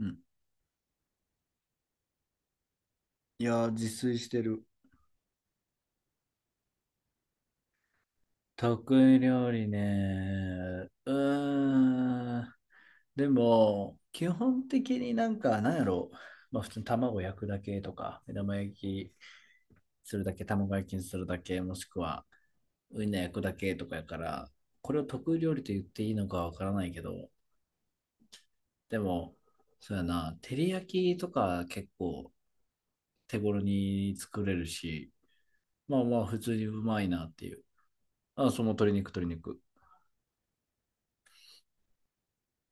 うん。自炊してる。得意料理ね。でも、基本的になんか、なんやろまあ、普通に卵焼くだけとか、目玉焼きするだけ、卵焼きにするだけ、もしくはウインナー焼くだけとかやから、これを得意料理と言っていいのかわからないけど、でも、そうやな、照り焼きとか結構手頃に作れるし、まあまあ、普通にうまいなっていう。あ、その鶏肉、鶏肉。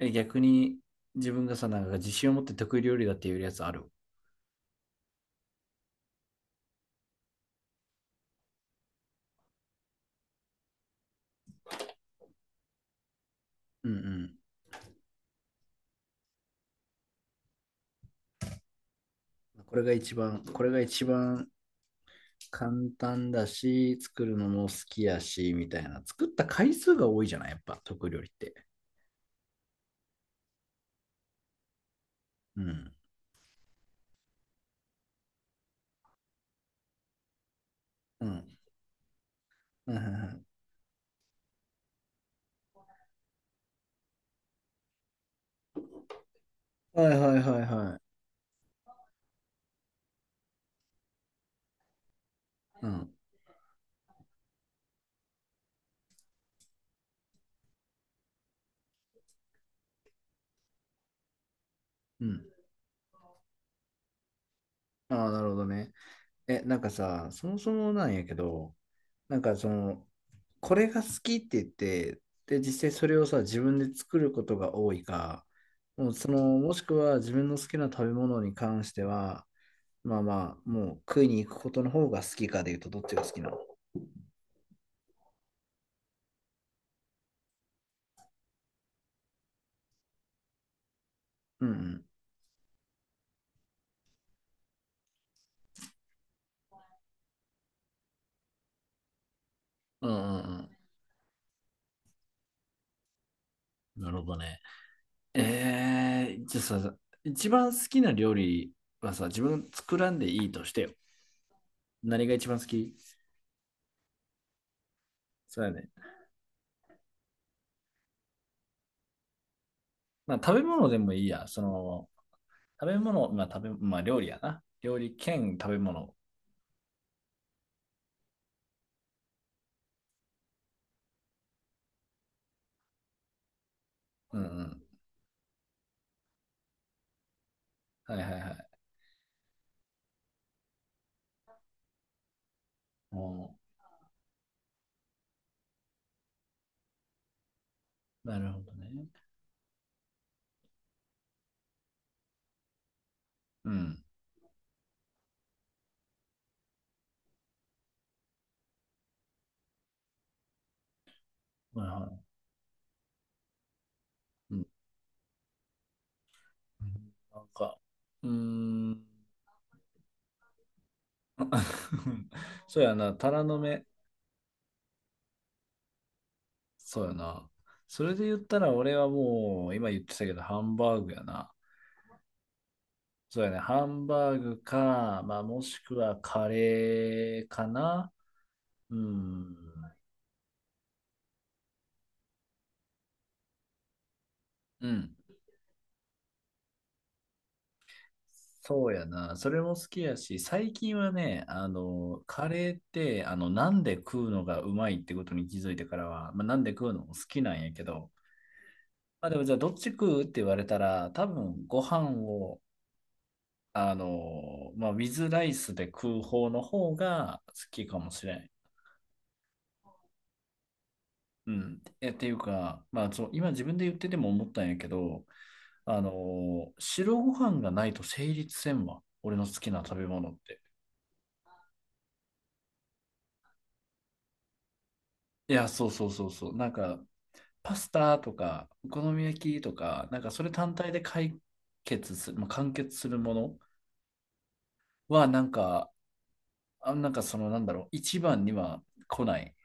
え、逆に自分がさ、なんか自信を持って得意料理だっていうやつある。うんうん。これが一番、これが一番簡単だし、作るのも好きやし、みたいな。作った回数が多いじゃないやっぱ、得意料理って。うん。うん。うん。はいはいはいはい。はいはいはいはい。うん。うん。ああ、なるほどね。え、なんかさ、そもそもなんやけど、なんかその、これが好きって言って、で、実際それをさ、自分で作ることが多いか、もうその、もしくは自分の好きな食べ物に関しては、まあまあ、もう食いに行くことの方が好きかで言うと、どっちが好きなの？うんうん。うんうんうん。なるほどね。えー、じゃあさ、一番好きな料理はさ、自分作らんでいいとしてよ。何が一番好き？そうやね。まあ、食べ物でもいいや。その、食べ物、まあ食べ、まあ料理やな。料理兼食べ物。うんうん。はいはいはい。おー。なるほどね。うん。なるほど。うん。なんか、うーん。そうやな、タラの芽。そうやな。それで言ったら俺はもう、今言ってたけど、ハンバーグやな。そうやね、ハンバーグか、まあもしくはカレーかな。うん。うん。そうやな。それも好きやし、最近はね、あの、カレーって、あの、なんで食うのがうまいってことに気づいてからは、まあ、なんで食うのも好きなんやけど、まあでもじゃあどっち食うって言われたら、多分ご飯を、あの、まあ、ウィズライスで食う方の方が好きかもしれん。うん。え、っていうか、まあそう、今自分で言ってても思ったんやけど、あの、白ご飯がないと成立せんわ。俺の好きな食べ物って。いや、そうそうそうそう。パスタとか、お好み焼きとか、なんかそれ単体で解決する、まあ、完結するものは、一番には来ない。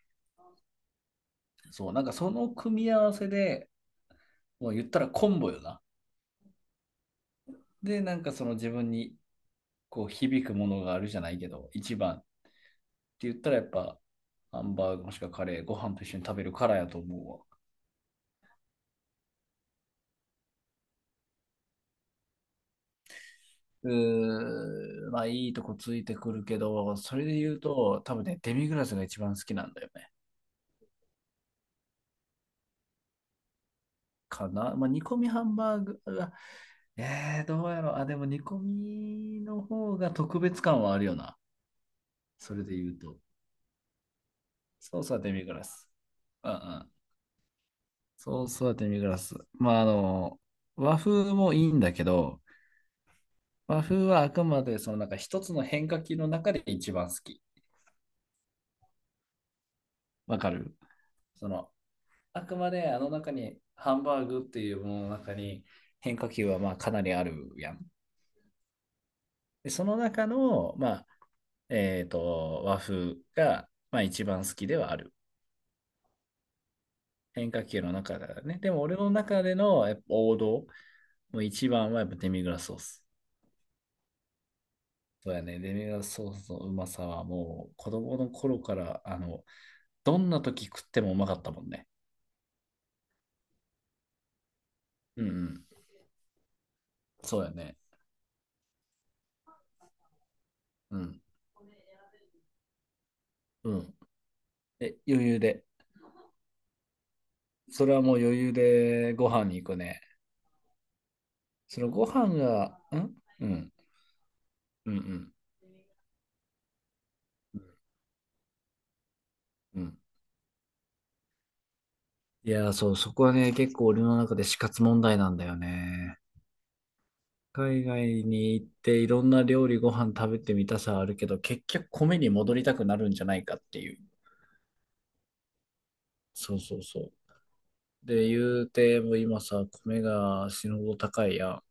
そう、なんかその組み合わせで、もう言ったらコンボよな。で、なんかその自分にこう響くものがあるじゃないけど、一番って言ったらやっぱ、ハンバーグもしくはカレー、ご飯と一緒に食べるからやと思うわ。うー、まあいいとこついてくるけど、それで言うと、多分ね、デミグラスが一番好きなんだよね。かな。まあ、煮込みハンバーグは、どうやろう。あ、でも煮込みの方が特別感はあるよな。それで言うと。ソースはデミグラス。うんうん。ソースはデミグラス。まあ、あの、和風もいいんだけど、和風はあくまでそのなんか一つの変化球の中で一番好き。わかる？その、あくまであの中にハンバーグっていうものの中に変化球はまあかなりあるやん。で、その中の、まあ、和風が、まあ、一番好きではある。変化球の中だね。でも俺の中でのやっぱ王道、もう一番はやっぱデミグラスソース。そうやね、デミグラスソースのうまさはもう子供の頃から、あの、どんな時食ってもうまかったもんね。うんうん。そうやね。うん。うん。え、余裕で。それはもう余裕でご飯に行くね。そのご飯が、ん。うん。うんうん。うん。うん。そう、そこはね、結構俺の中で死活問題なんだよね。海外に行っていろんな料理ご飯食べてみたさはあるけど、結局米に戻りたくなるんじゃないかっていう。そうそうそう。で、言うても今さ、米が死ぬほど高いやん。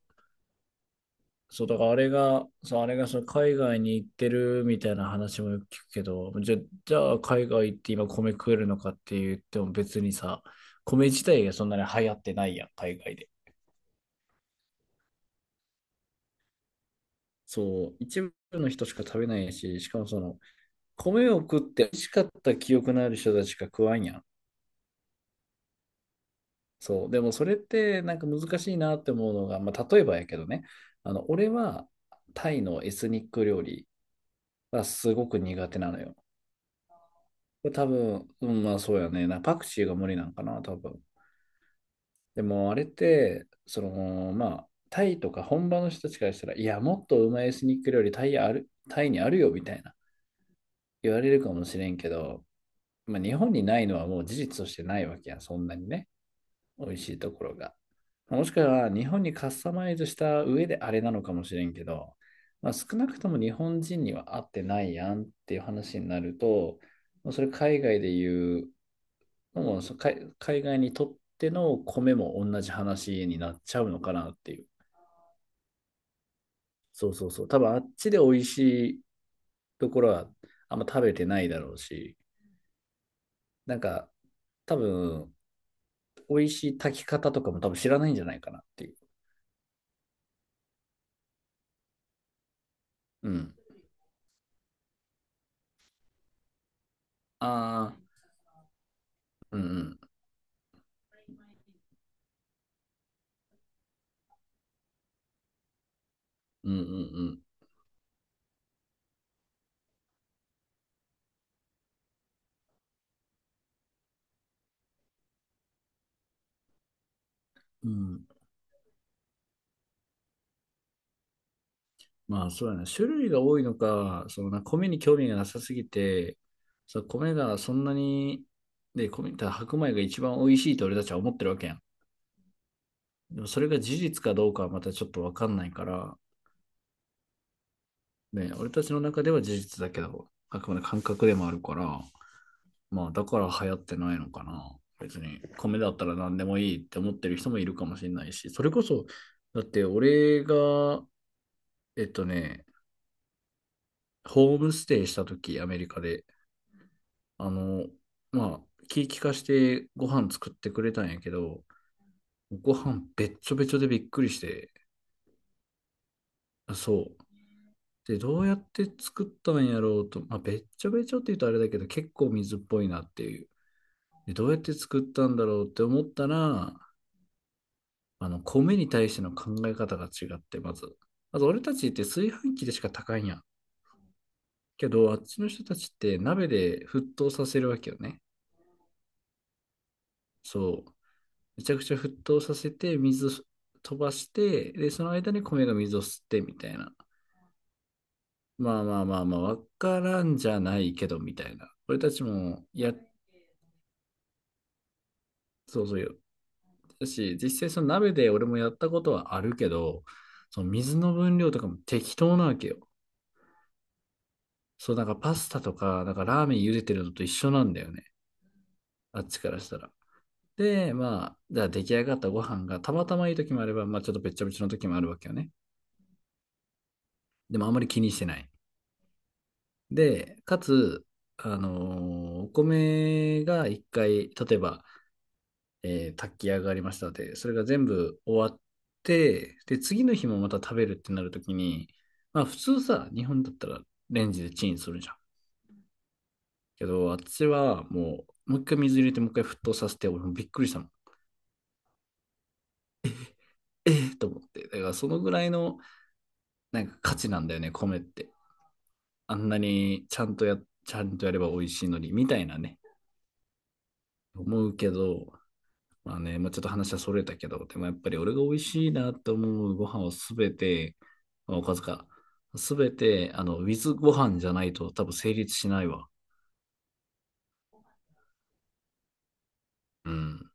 そう、だからあれが、そう、あれがその海外に行ってるみたいな話もよく聞くけど、じゃ、じゃあ海外行って今米食えるのかって言っても別にさ、米自体がそんなに流行ってないやん、海外で。そう、一部の人しか食べないし、しかもその、米を食って美味しかった記憶のある人たちが食わんやん。そう。でもそれってなんか難しいなって思うのが、まあ、例えばやけどね、あの俺はタイのエスニック料理がすごく苦手なのよ。多分、うん、まあそうやね。パクチーが無理なんかな、多分。でもあれって、その、まあ、タイとか本場の人たちからしたら、いや、もっとうまいエスニック料理タイある、タイにあるよみたいな言われるかもしれんけど、まあ、日本にないのはもう事実としてないわけやん、そんなにね。美味しいところが。もしくは日本にカスタマイズした上であれなのかもしれんけど、まあ、少なくとも日本人には合ってないやんっていう話になると、それ海外で言う、もう海外にとっての米も同じ話になっちゃうのかなっていう。そうそうそう。多分あっちで美味しいところはあんま食べてないだろうし、なんか多分美味しい炊き方とかも多分知らないんじゃないかなっていう。うん。ああ、うんうんうんうんうん。うん。まあそうやな。種類が多いのか、そのな、米に興味がなさすぎて、そう、米がそんなに、で、米、ただ白米が一番美味しいと俺たちは思ってるわけやん。でもそれが事実かどうかはまたちょっとわかんないから、ね、俺たちの中では事実だけど、あくまで感覚でもあるから、まあだから流行ってないのかな。別に米だったら何でもいいって思ってる人もいるかもしれないし、それこそ、だって俺が、えっとね、ホームステイした時、アメリカで、あの、まあ、気利かしてご飯作ってくれたんやけど、ご飯べっちょべちょでびっくりして、あそう。で、どうやって作ったんやろうと、まあ、べっちょべちょって言うとあれだけど、結構水っぽいなっていう。で、どうやって作ったんだろうって思ったら、あの、米に対しての考え方が違って、まず。まず俺たちって炊飯器でしか炊かんやん。けど、あっちの人たちって鍋で沸騰させるわけよね。そう。めちゃくちゃ沸騰させて、水を飛ばして、で、その間に米が水を吸ってみたいな。まあまあまあまあ、わからんじゃないけどみたいな。俺たちも、や、そうそうよ。だし、実際その鍋で俺もやったことはあるけど、その水の分量とかも適当なわけよ。そう、なんかパスタとか、なんかラーメン茹でてるのと一緒なんだよね。あっちからしたら。で、まあ、じゃあ出来上がったご飯がたまたまいい時もあれば、まあちょっとべっちゃべちゃの時もあるわけよね。でもあんまり気にしてない。で、かつ、あの、お米が一回、例えば、炊き上がりましたので、それが全部終わって、で、次の日もまた食べるってなるときに、まあ普通さ、日本だったらレンジでチンするじゃん。けど、私はもう、もう一回水入れてもう一回沸騰させて、俺もびっくりしたもん。ええと思って。だからそのぐらいの、なんか価値なんだよね、米って。あんなにちゃんとや、ちゃんとやれば美味しいのに、みたいなね、思うけど、まあね、まあ、ちょっと話はそれたけど、でもやっぱり俺が美味しいなと思うご飯をすべて、まあおかずか、すべて、あの、with ご飯じゃないと多分成立しないわ。うん。